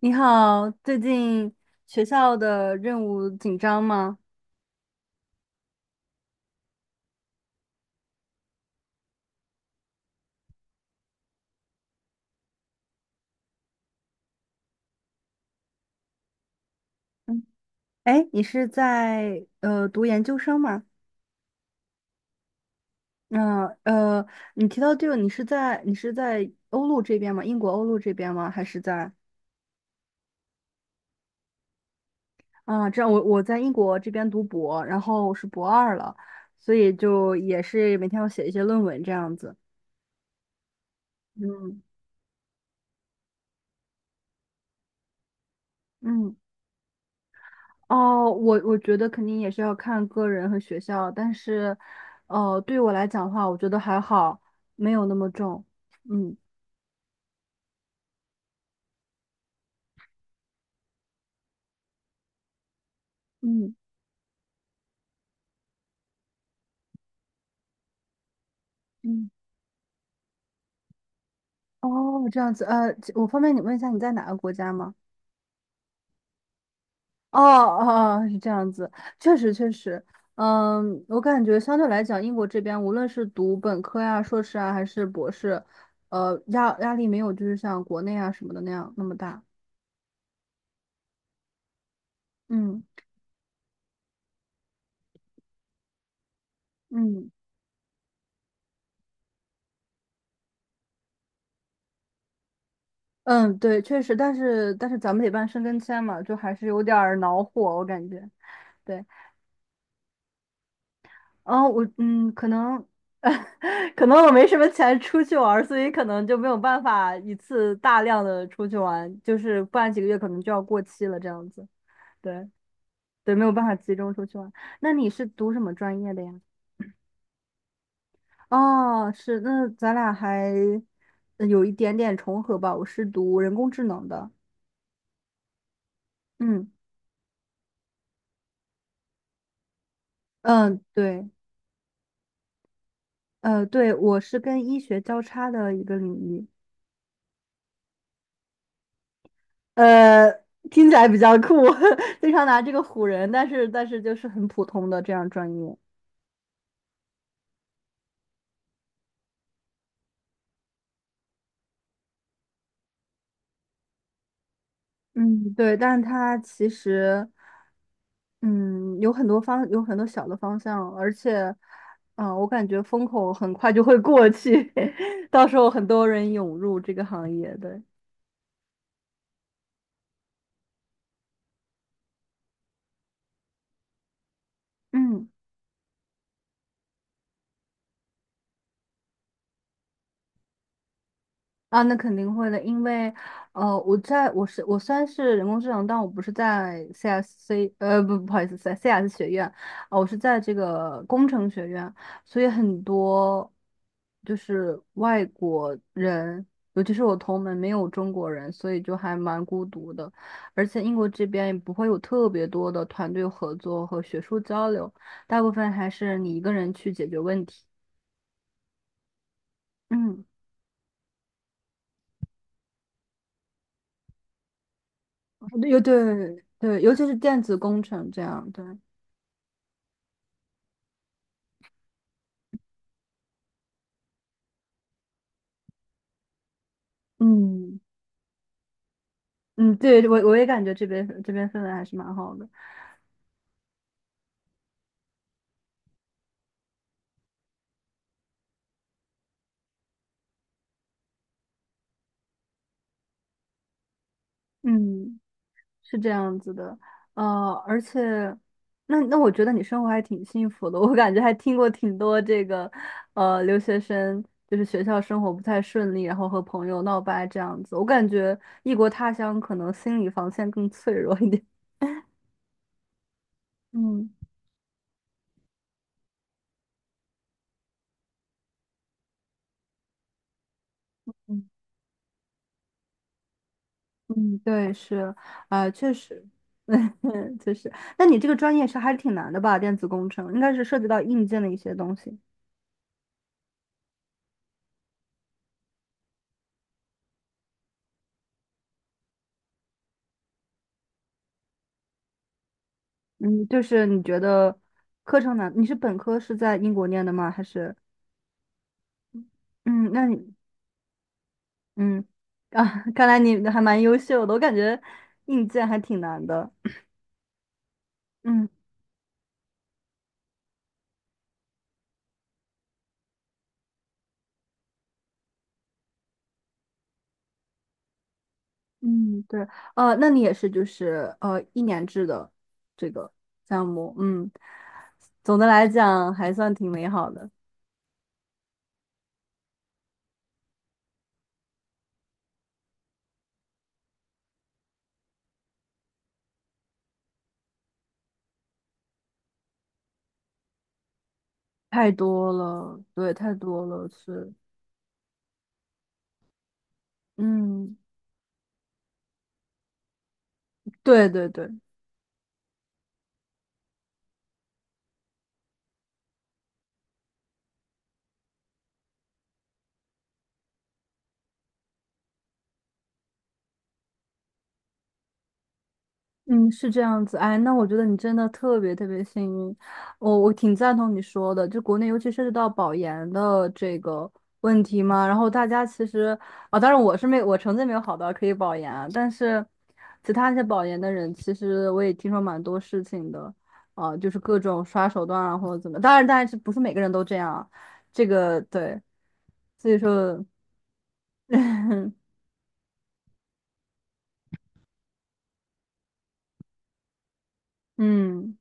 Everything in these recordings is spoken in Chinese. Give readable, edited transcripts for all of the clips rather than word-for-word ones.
你好，最近学校的任务紧张吗？哎，你是在读研究生吗？嗯呃，你提到这个，你是在欧陆这边吗？英国欧陆这边吗？还是在啊？这样我在英国这边读博，然后我是博二了，所以就也是每天要写一些论文这样子。嗯。嗯。哦，我觉得肯定也是要看个人和学校，但是，哦，对我来讲的话，我觉得还好，没有那么重。嗯。嗯。嗯，哦，这样子，我方便你问一下你在哪个国家吗？哦哦，哦是这样子，确实确实，嗯，我感觉相对来讲，英国这边无论是读本科呀、硕士啊，还是博士，呃，压力没有就是像国内啊什么的那样那么大。嗯。嗯。嗯，对，确实，但是咱们得办申根签嘛，就还是有点儿恼火，我感觉。对，然后我嗯，可能 可能我没什么钱出去玩儿，所以可能就没有办法一次大量的出去玩，就是不然几个月可能就要过期了这样子。对。对，没有办法集中出去玩。那你是读什么专业的呀？哦，是，那咱俩还有一点点重合吧。我是读人工智能的。嗯。嗯，对。呃，对，我是跟医学交叉的一个领域。呃，听起来比较酷，经常拿这个唬人，但是就是很普通的这样专业。嗯，对，但是它其实，嗯，有很多小的方向，而且，啊，我感觉风口很快就会过去，到时候很多人涌入这个行业，对，嗯。啊，那肯定会的，因为，呃，我虽然是人工智能，但我不是在 CSC，呃，不，不好意思，在 CS 学院，啊，我是在这个工程学院，所以很多就是外国人，尤其是我同门没有中国人，所以就还蛮孤独的，而且英国这边也不会有特别多的团队合作和学术交流，大部分还是你一个人去解决问题。嗯。有。对对，尤其是电子工程这样，对，嗯。嗯，对我也感觉这边氛围还是蛮好的，嗯，是这样子的，呃，而且那我觉得你生活还挺幸福的，我感觉还听过挺多这个留学生就是学校生活不太顺利，然后和朋友闹掰这样子，我感觉异国他乡可能心理防线更脆弱一点，嗯。嗯。嗯，对，是，啊、确实，嗯，确实。那你这个专业是还是挺难的吧？电子工程应该是涉及到硬件的一些东西。嗯，就是你觉得课程难？你是本科是在英国念的吗？还是嗯，那你嗯。啊，看来你还蛮优秀的，我感觉硬件还挺难的。嗯。嗯，对，呃，那你也是就是一年制的这个项目，嗯，总的来讲还算挺美好的。太多了，对，太多了，是，嗯，对对对，嗯，是这样子。哎，那我觉得你真的特别特别幸运，我挺赞同你说的，就国内尤其涉及到保研的这个问题嘛，然后大家其实啊，当然我成绩没有好到可以保研啊，但是其他一些保研的人，其实我也听说蛮多事情的，啊，就是各种刷手段啊或者怎么，当然是不是每个人都这样啊，这个对，所以说。嗯，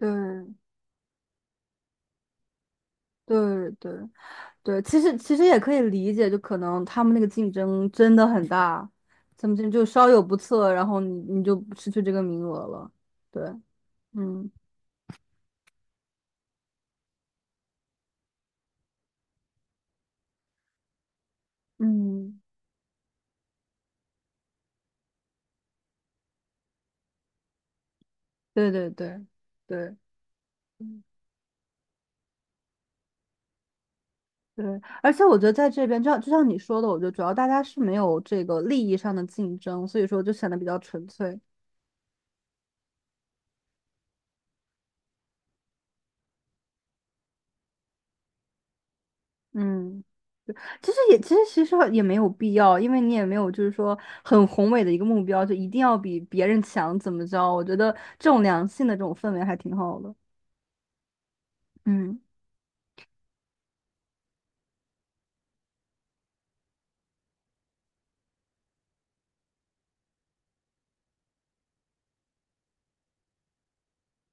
对对对对，其实也可以理解，就可能他们那个竞争真的很大，他们就稍有不测，然后你你就失去这个名额了。对，嗯嗯，对对对对嗯对，而且我觉得在这边，就像就像你说的，我觉得主要大家是没有这个利益上的竞争，所以说就显得比较纯粹。嗯，对其实也其实也没有必要，因为你也没有就是说很宏伟的一个目标，就一定要比别人强怎么着？我觉得这种良性的这种氛围还挺好的。嗯。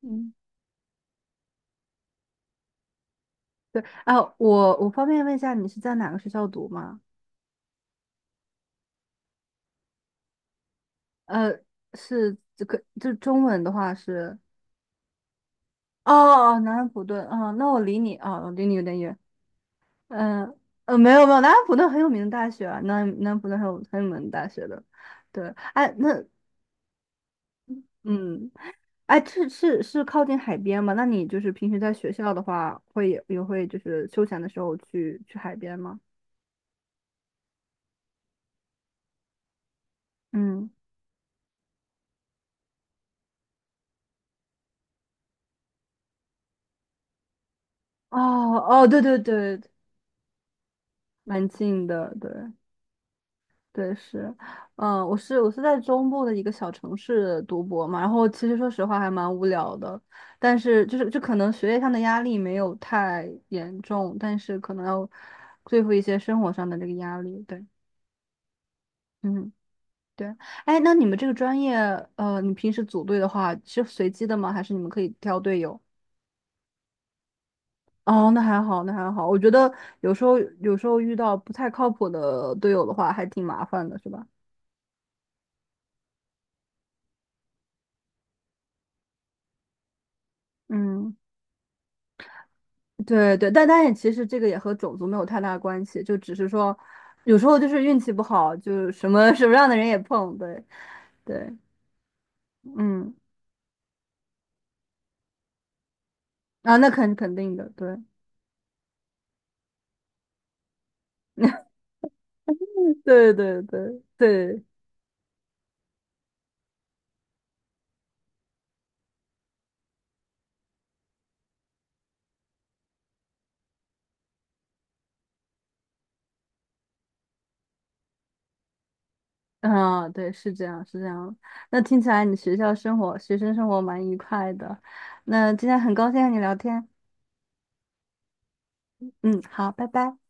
嗯，对，啊，我方便问一下你是在哪个学校读吗？呃，是这个就中文的话是哦。哦南安普顿啊，那我离你啊，我离你有点远。嗯。呃，没有没有，南安普顿很有名的大学啊，南安普顿很有名的大学的。对，哎，那嗯。哎，是靠近海边吗？那你就是平时在学校的话，也会就是休闲的时候去海边吗？嗯，哦哦，对对对，蛮近的，对。对是，嗯，我是在中部的一个小城市读博嘛，然后其实说实话还蛮无聊的，但是就可能学业上的压力没有太严重，但是可能要对付一些生活上的这个压力，对，嗯。对，哎，那你们这个专业，呃，你平时组队的话是随机的吗？还是你们可以挑队友？哦，那还好，那还好。我觉得有时候遇到不太靠谱的队友的话，还挺麻烦的，是吧？嗯，对对，但但也其实这个也和种族没有太大关系，就只是说有时候就是运气不好，就什么 什么样的人也碰，对对，嗯，啊，那肯定的，对 对对对对。嗯，对，是这样，是这样。那听起来你学校生活、学生生活蛮愉快的。那今天很高兴和你聊天，嗯，好，拜拜。